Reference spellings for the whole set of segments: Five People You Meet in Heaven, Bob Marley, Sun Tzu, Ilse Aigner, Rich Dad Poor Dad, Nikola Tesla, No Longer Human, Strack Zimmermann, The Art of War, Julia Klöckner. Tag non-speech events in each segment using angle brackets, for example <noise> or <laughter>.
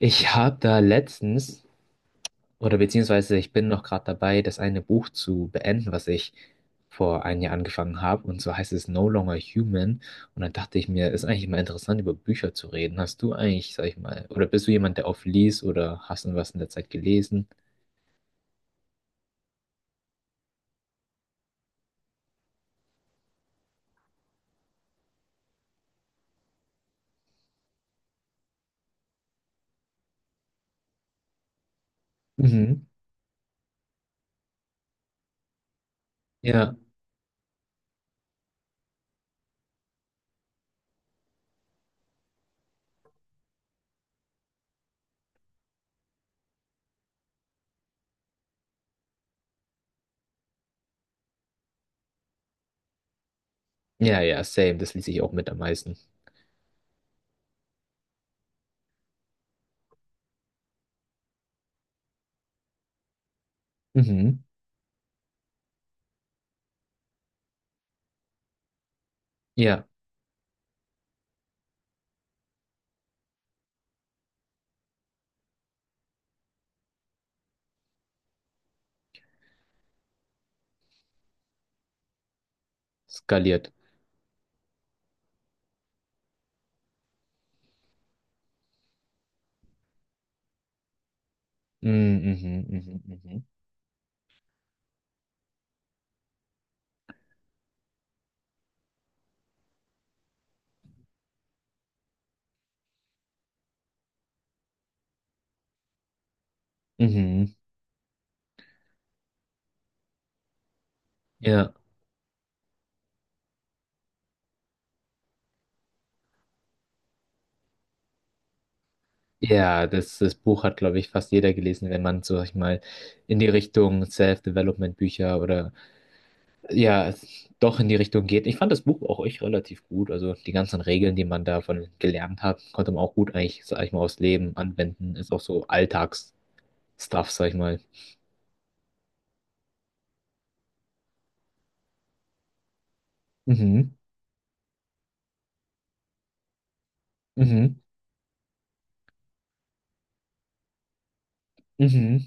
Ich habe da letztens, oder beziehungsweise ich bin noch gerade dabei, das eine Buch zu beenden, was ich vor einem Jahr angefangen habe. Und zwar heißt es No Longer Human. Und dann dachte ich mir, ist eigentlich mal interessant, über Bücher zu reden. Hast du eigentlich, sag ich mal, oder bist du jemand, der oft liest oder hast du was in der Zeit gelesen? Mhm. Ja, ja, ja, same. Das lese ich auch mit am meisten. Mhm. Ja, skaliert. Mhm, mhm, mhm, mhm. Mhm. Mhm. Ja. Ja, das Buch hat, glaube ich, fast jeder gelesen, wenn man, sag ich mal, in die Richtung Self-Development-Bücher oder ja, doch in die Richtung geht. Ich fand das Buch auch echt relativ gut. Also die ganzen Regeln, die man davon gelernt hat, konnte man auch gut eigentlich, sag ich mal, aufs Leben anwenden. Ist auch so Alltagsstuff, sag ich mal. Mhm, mhm, mhm,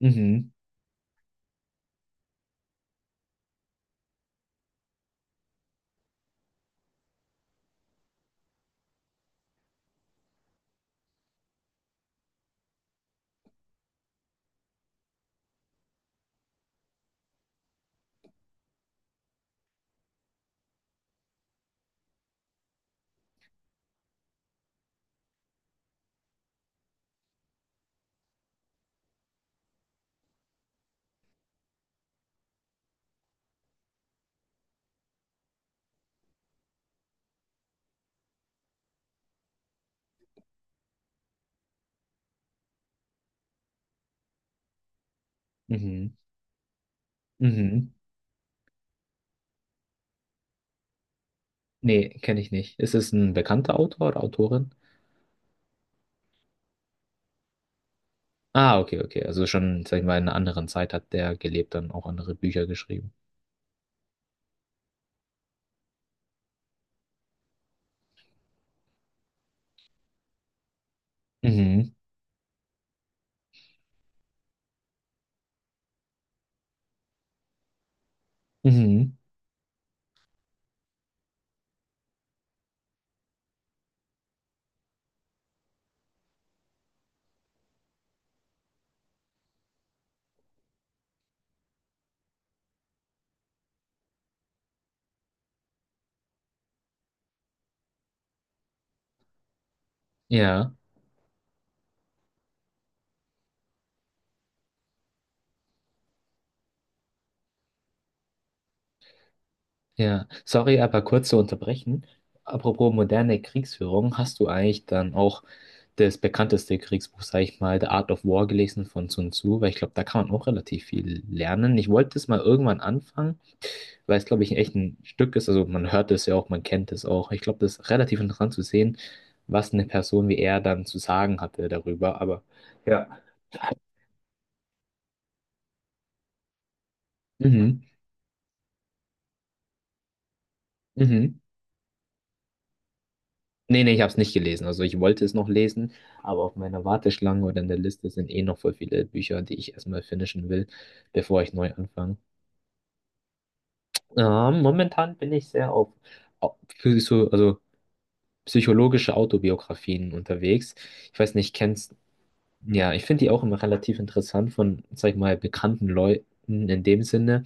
mhm, mhm, mhm. Nee, kenne ich nicht. Ist es ein bekannter Autor oder Autorin? Ah, okay, okay. Also schon, sag ich mal, in einer anderen Zeit hat der gelebt, dann auch andere Bücher geschrieben. Mhm. Mhm. Ja, ja. Sorry, aber kurz zu unterbrechen. Apropos moderne Kriegsführung, hast du eigentlich dann auch das bekannteste Kriegsbuch, sag ich mal, The Art of War gelesen von Sun Tzu? Weil ich glaube, da kann man auch relativ viel lernen. Ich wollte es mal irgendwann anfangen, weil es, glaube ich, echt ein Stück ist. Also man hört es ja auch, man kennt es auch. Ich glaube, das ist relativ interessant zu sehen, was eine Person wie er dann zu sagen hatte darüber. Aber ja. Mhm. Mhm. Nee, nee, ich habe es nicht gelesen. Also ich wollte es noch lesen, aber auf meiner Warteschlange oder in der Liste sind eh noch voll viele Bücher, die ich erstmal finishen will, bevor ich neu anfange. Momentan bin ich sehr auf so, also psychologische Autobiografien unterwegs. Ich weiß nicht, kennst, ja, ich finde die auch immer relativ interessant von, sag ich mal, bekannten Leuten in dem Sinne.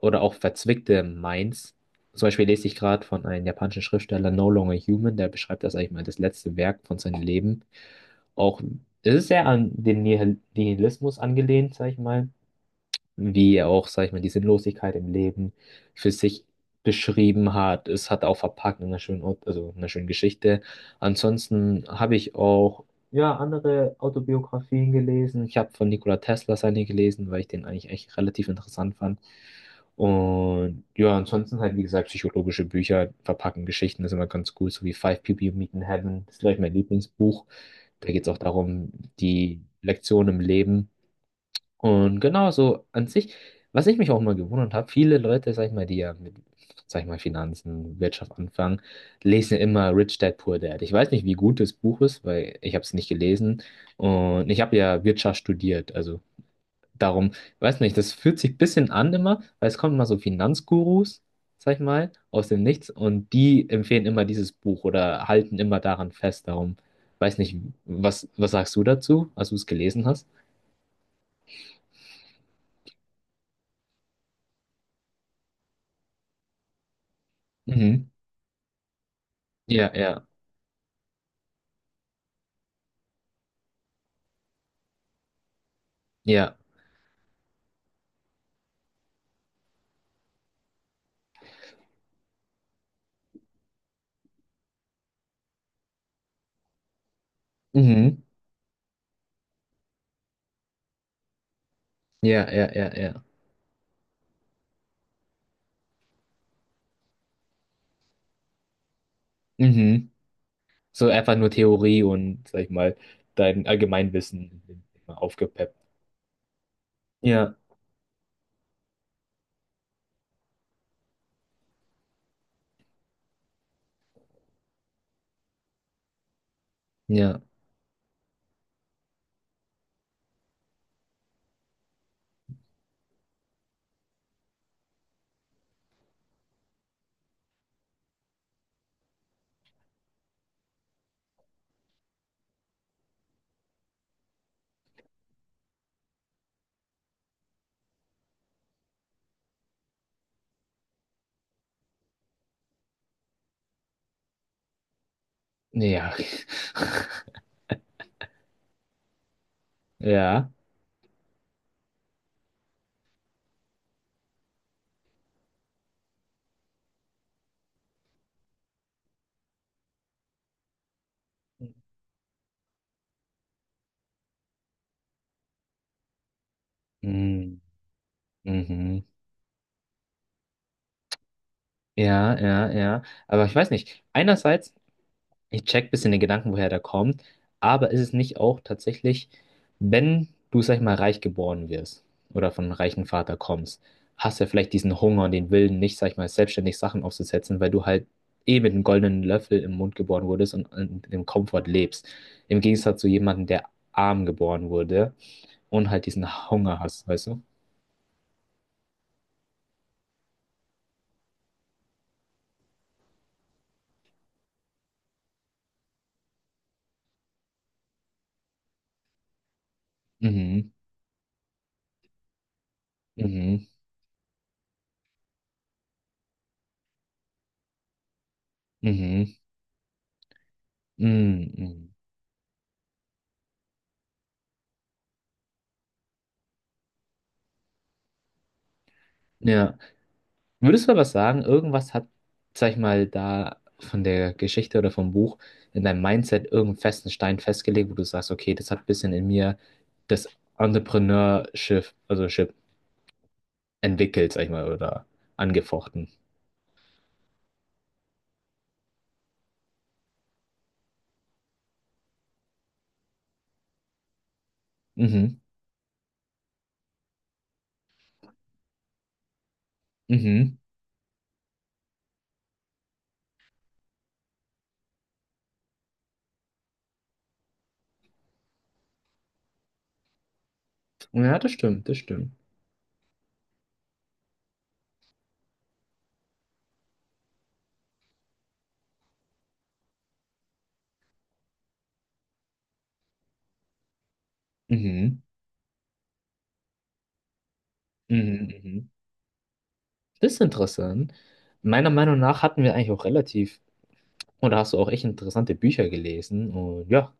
Oder auch verzwickte Minds. Zum Beispiel lese ich gerade von einem japanischen Schriftsteller No Longer Human, der beschreibt das eigentlich mal das letzte Werk von seinem Leben. Auch es ist sehr an den Nihilismus angelehnt, sag ich mal, wie er auch, sag ich mal, die Sinnlosigkeit im Leben für sich beschrieben hat. Es hat er auch verpackt in einer schönen, also in einer schönen Geschichte. Ansonsten habe ich auch, ja, andere Autobiografien gelesen. Ich habe von Nikola Tesla seine gelesen, weil ich den eigentlich echt relativ interessant fand. Und ja, ansonsten halt, wie gesagt, psychologische Bücher verpacken Geschichten, das ist immer ganz cool, so wie Five People You Meet in Heaven, das ist, glaube ich, mein Lieblingsbuch. Da geht es auch darum, die Lektion im Leben. Und genau so an sich, was ich mich auch mal gewundert habe, viele Leute, sag ich mal, die ja mit, sag ich mal, Finanzen, Wirtschaft anfangen, lesen ja immer Rich Dad Poor Dad. Ich weiß nicht, wie gut das Buch ist, weil ich habe es nicht gelesen, und ich habe ja Wirtschaft studiert, also darum, weiß nicht, das fühlt sich ein bisschen an immer, weil es kommen immer so Finanzgurus, sag ich mal, aus dem Nichts und die empfehlen immer dieses Buch oder halten immer daran fest, darum, weiß nicht, was sagst du dazu, als du es gelesen hast? Mhm. Ja, ja. Ja. Mhm. Ja, ja, ja, ja. Mhm. So einfach nur Theorie und, sag ich mal, dein Allgemeinwissen immer aufgepeppt. Ja, ja, ja, <laughs> ja. Mhm. Mhm. Ja, ja, ja. Aber ich weiß nicht. Einerseits. Ich check bisschen den Gedanken, woher der kommt, aber ist es nicht auch tatsächlich, wenn du, sag ich mal, reich geboren wirst oder von einem reichen Vater kommst, hast du ja vielleicht diesen Hunger und den Willen, nicht, sag ich mal, selbstständig Sachen aufzusetzen, weil du halt eh mit einem goldenen Löffel im Mund geboren wurdest und in dem Komfort lebst. Im Gegensatz zu jemandem, der arm geboren wurde und halt diesen Hunger hast, weißt du? Mhm, mhm, mhm, mhm, mhm. Ja. Würdest du aber sagen, irgendwas hat, sag ich mal, da von der Geschichte oder vom Buch in deinem Mindset irgendeinen festen Stein festgelegt, wo du sagst, okay, das hat ein bisschen in mir das Entrepreneurship, also Ship entwickelt, sag ich mal, oder angefochten. Mhm, mhm. Ja, das stimmt, das stimmt. Mhm, mhm, mhm. Das ist interessant. Meiner Meinung nach hatten wir eigentlich auch relativ, oder hast du auch echt interessante Bücher gelesen und ja.